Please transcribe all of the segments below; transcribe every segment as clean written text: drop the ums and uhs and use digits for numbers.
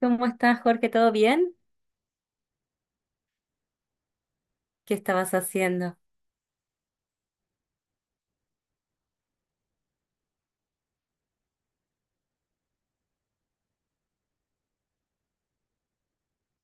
¿Cómo estás, Jorge? ¿Todo bien? ¿Qué estabas haciendo?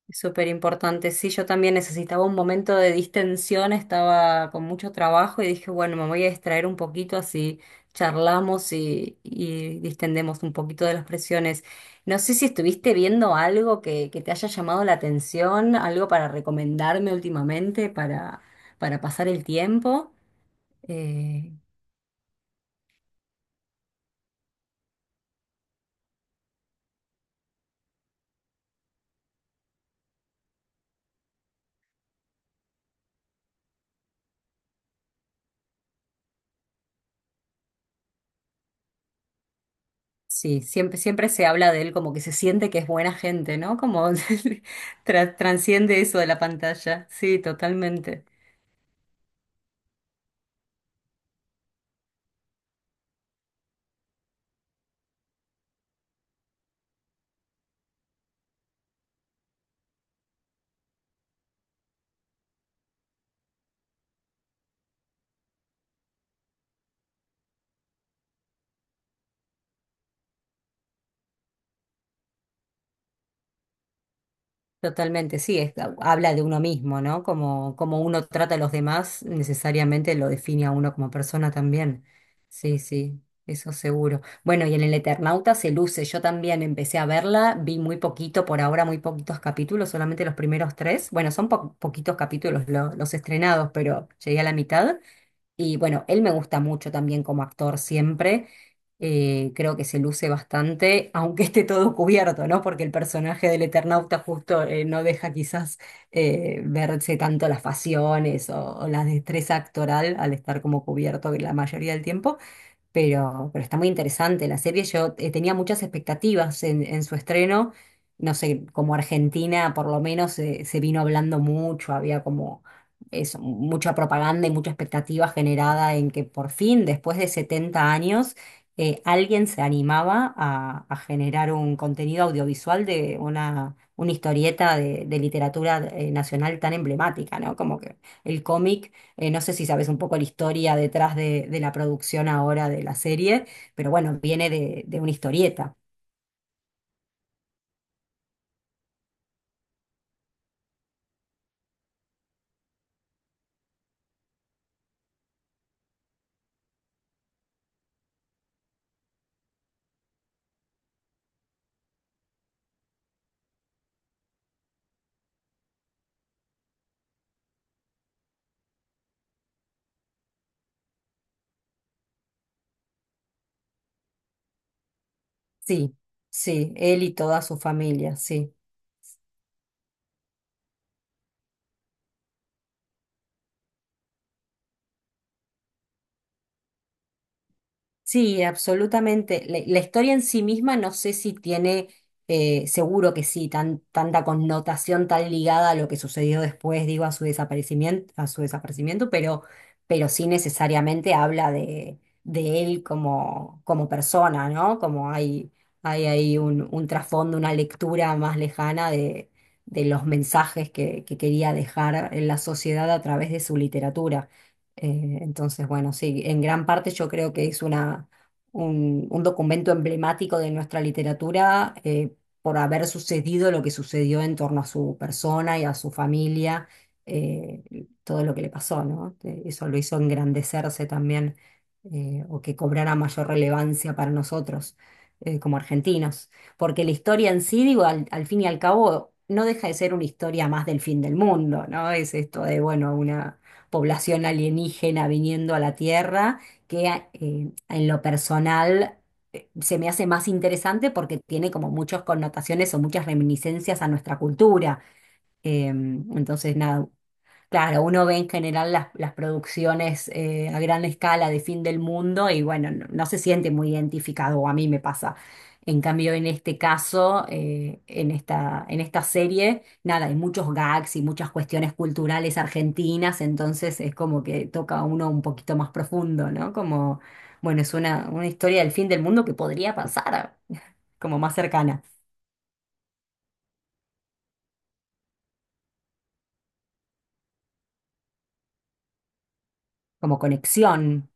Es súper importante. Sí, yo también necesitaba un momento de distensión, estaba con mucho trabajo y dije, bueno, me voy a distraer un poquito, así charlamos y distendemos un poquito de las presiones. No sé si estuviste viendo algo que te haya llamado la atención, algo para recomendarme últimamente para pasar el tiempo. Eh, Sí, siempre se habla de él como que se siente que es buena gente, ¿no? Como transciende eso de la pantalla. Sí, totalmente. Totalmente, sí, habla de uno mismo, ¿no? Como, como uno trata a los demás, necesariamente lo define a uno como persona también. Sí, sí, eso seguro. Bueno, y en El Eternauta se luce. Yo también empecé a verla, vi muy poquito, por ahora muy poquitos capítulos, solamente los primeros tres. Bueno, son poquitos capítulos los estrenados, pero llegué a la mitad. Y bueno, él me gusta mucho también como actor siempre. Creo que se luce bastante, aunque esté todo cubierto, ¿no? Porque el personaje del Eternauta justo no deja quizás verse tanto las facciones o la destreza actoral al estar como cubierto la mayoría del tiempo, pero está muy interesante la serie. Yo tenía muchas expectativas en su estreno. No sé, como Argentina por lo menos se vino hablando mucho, había como eso, mucha propaganda y mucha expectativa generada en que por fin, después de 70 años, alguien se animaba a generar un contenido audiovisual de una historieta de literatura nacional tan emblemática, ¿no? Como que el cómic no sé si sabes un poco la historia detrás de la producción ahora de la serie, pero bueno, viene de una historieta. Sí, sí, él y toda su familia, sí. Sí, absolutamente. La historia en sí misma no sé si tiene, seguro que sí, tan, tanta connotación tan ligada a lo que sucedió después, digo, a su desaparecimiento, pero sí necesariamente habla de él como, como persona, ¿no? Como hay ahí un trasfondo, una lectura más lejana de los mensajes que quería dejar en la sociedad a través de su literatura. Entonces, bueno, sí, en gran parte yo creo que es una, un documento emblemático de nuestra literatura por haber sucedido lo que sucedió en torno a su persona y a su familia, eh, todo lo que le pasó, ¿no? Eso lo hizo engrandecerse también o que cobrara mayor relevancia para nosotros como argentinos. Porque la historia en sí, digo, al, al fin y al cabo, no deja de ser una historia más del fin del mundo, ¿no? Es esto de, bueno, una población alienígena viniendo a la Tierra, que en lo personal se me hace más interesante porque tiene como muchas connotaciones o muchas reminiscencias a nuestra cultura. Entonces, nada, Claro, uno ve en general las producciones a gran escala de fin del mundo y bueno, no, no se siente muy identificado, o a mí me pasa. En cambio, en este caso, en esta serie, nada, hay muchos gags y muchas cuestiones culturales argentinas, entonces es como que toca a uno un poquito más profundo, ¿no? Como, bueno, es una historia del fin del mundo que podría pasar, como más cercana, como conexión.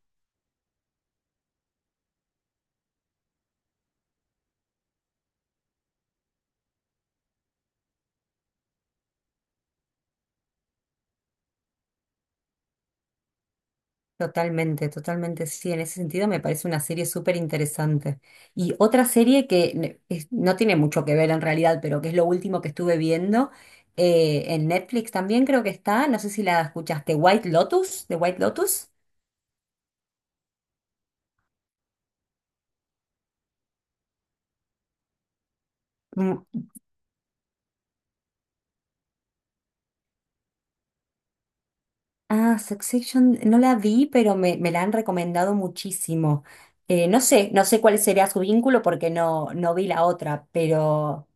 Totalmente, totalmente, sí, en ese sentido me parece una serie súper interesante. Y otra serie que no tiene mucho que ver en realidad, pero que es lo último que estuve viendo en Netflix también creo que está, no sé si la escuchaste, White Lotus, de White Lotus. Mm. Ah, Succession, no la vi, pero me la han recomendado muchísimo. No sé, no sé cuál sería su vínculo porque no, no vi la otra, pero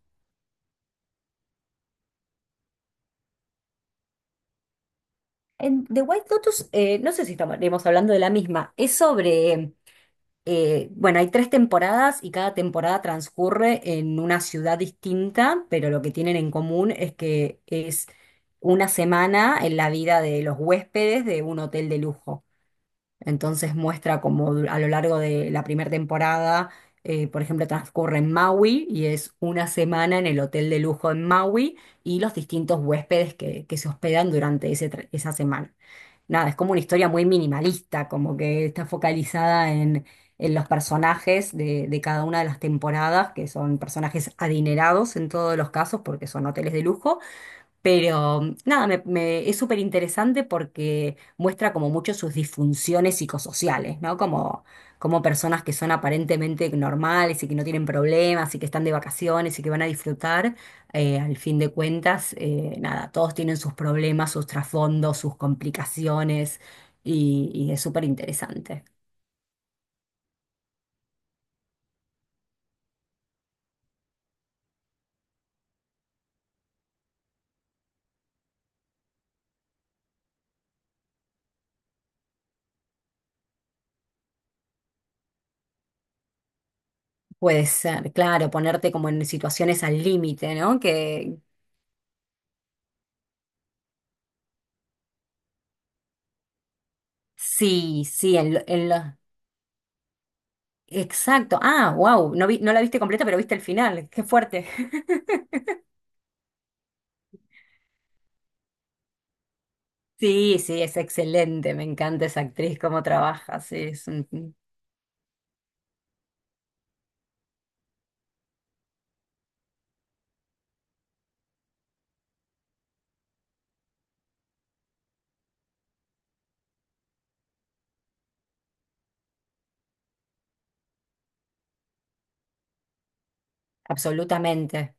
en The White Lotus, no sé si estaremos hablando de la misma, es sobre... bueno, hay tres temporadas y cada temporada transcurre en una ciudad distinta, pero lo que tienen en común es que es una semana en la vida de los huéspedes de un hotel de lujo. Entonces muestra como a lo largo de la primera temporada, por ejemplo, transcurre en Maui y es una semana en el hotel de lujo en Maui y los distintos huéspedes que se hospedan durante esa semana, nada, es como una historia muy minimalista, como que está focalizada en los personajes de cada una de las temporadas, que son personajes adinerados en todos los casos porque son hoteles de lujo, pero mm, nada, me- es súper interesante porque muestra como mucho sus disfunciones psicosociales, ¿no? Como, como personas que son aparentemente normales y que no tienen problemas y que están de vacaciones y que van a disfrutar, al fin de cuentas, nada, todos tienen sus problemas, sus trasfondos, sus complicaciones y es súper interesante. Puede ser, claro, ponerte como en situaciones al límite, ¿no? Que sí, sí, en, en los... Exacto. Ah, wow. No vi, no la viste completa, pero viste el final. Qué fuerte. Sí, sí, es excelente. Me encanta esa actriz, cómo trabaja. Sí, absolutamente.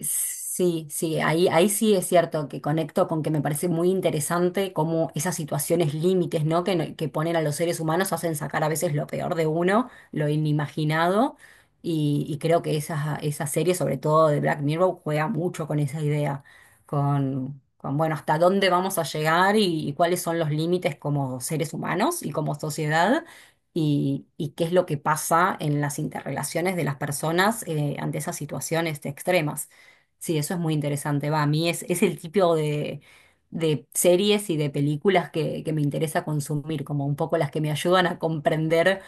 Sí, sí, ahí, ahí sí es cierto que conecto con que me parece muy interesante cómo esas situaciones límites, ¿no? Que, que ponen a los seres humanos hacen sacar a veces lo peor de uno, lo inimaginado, y creo que esa serie, sobre todo de Black Mirror, juega mucho con esa idea, con bueno, hasta dónde vamos a llegar y cuáles son los límites como seres humanos y como sociedad. Y qué es lo que pasa en las interrelaciones de las personas ante esas situaciones extremas. Sí, eso es muy interesante. Va, a mí es el tipo de series y de películas que me interesa consumir, como un poco las que me ayudan a comprender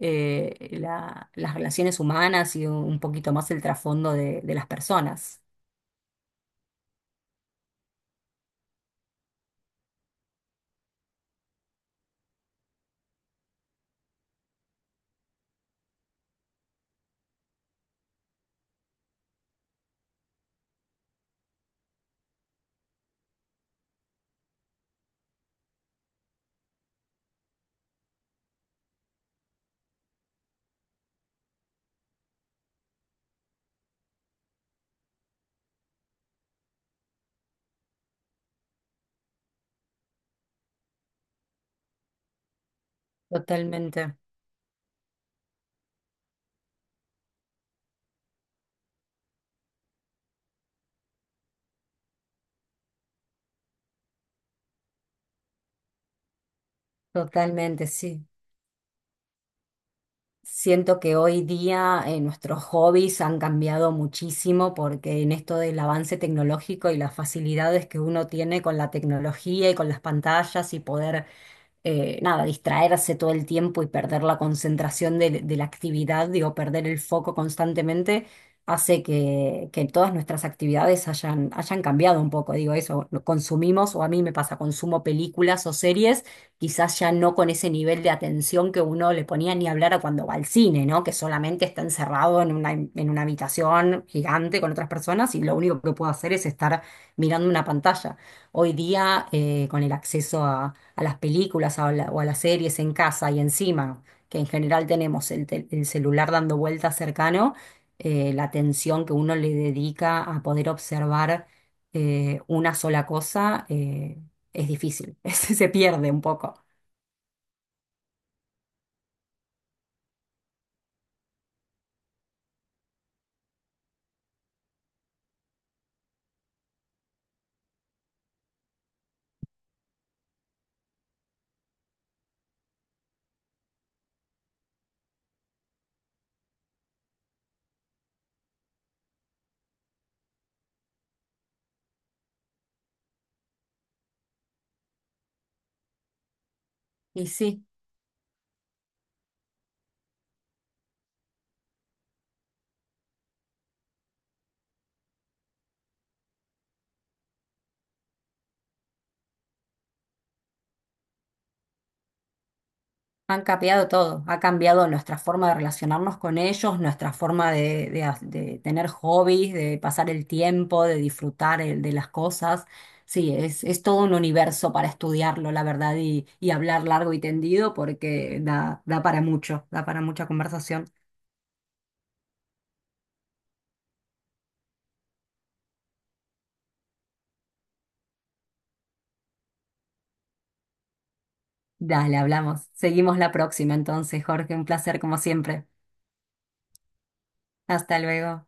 las relaciones humanas y un poquito más el trasfondo de las personas. Totalmente, totalmente, sí. Siento que hoy día nuestros hobbies han cambiado muchísimo porque en esto del avance tecnológico y las facilidades que uno tiene con la tecnología y con las pantallas y poder nada, distraerse todo el tiempo y perder la concentración de la actividad, digo, perder el foco constantemente, hace que todas nuestras actividades hayan, hayan cambiado un poco. Digo, eso, lo consumimos, o a mí me pasa, consumo películas o series, quizás ya no con ese nivel de atención que uno le ponía ni hablar a cuando va al cine, ¿no? Que solamente está encerrado en una habitación gigante con otras personas y lo único que puedo hacer es estar mirando una pantalla. Hoy día, con el acceso a las películas a la- o a las series en casa y encima, que en general tenemos el celular dando vueltas cercano, la atención que uno le dedica a poder observar una sola cosa es difícil, se pierde un poco. Y sí. Han cambiado todo, ha cambiado nuestra forma de relacionarnos con ellos, nuestra forma de de tener hobbies, de pasar el tiempo, de disfrutar de las cosas. Sí, es todo un universo para estudiarlo, la verdad, y hablar largo y tendido porque da, da para mucho, da para mucha conversación. Dale, hablamos. Seguimos la próxima entonces, Jorge, un placer como siempre. Hasta luego.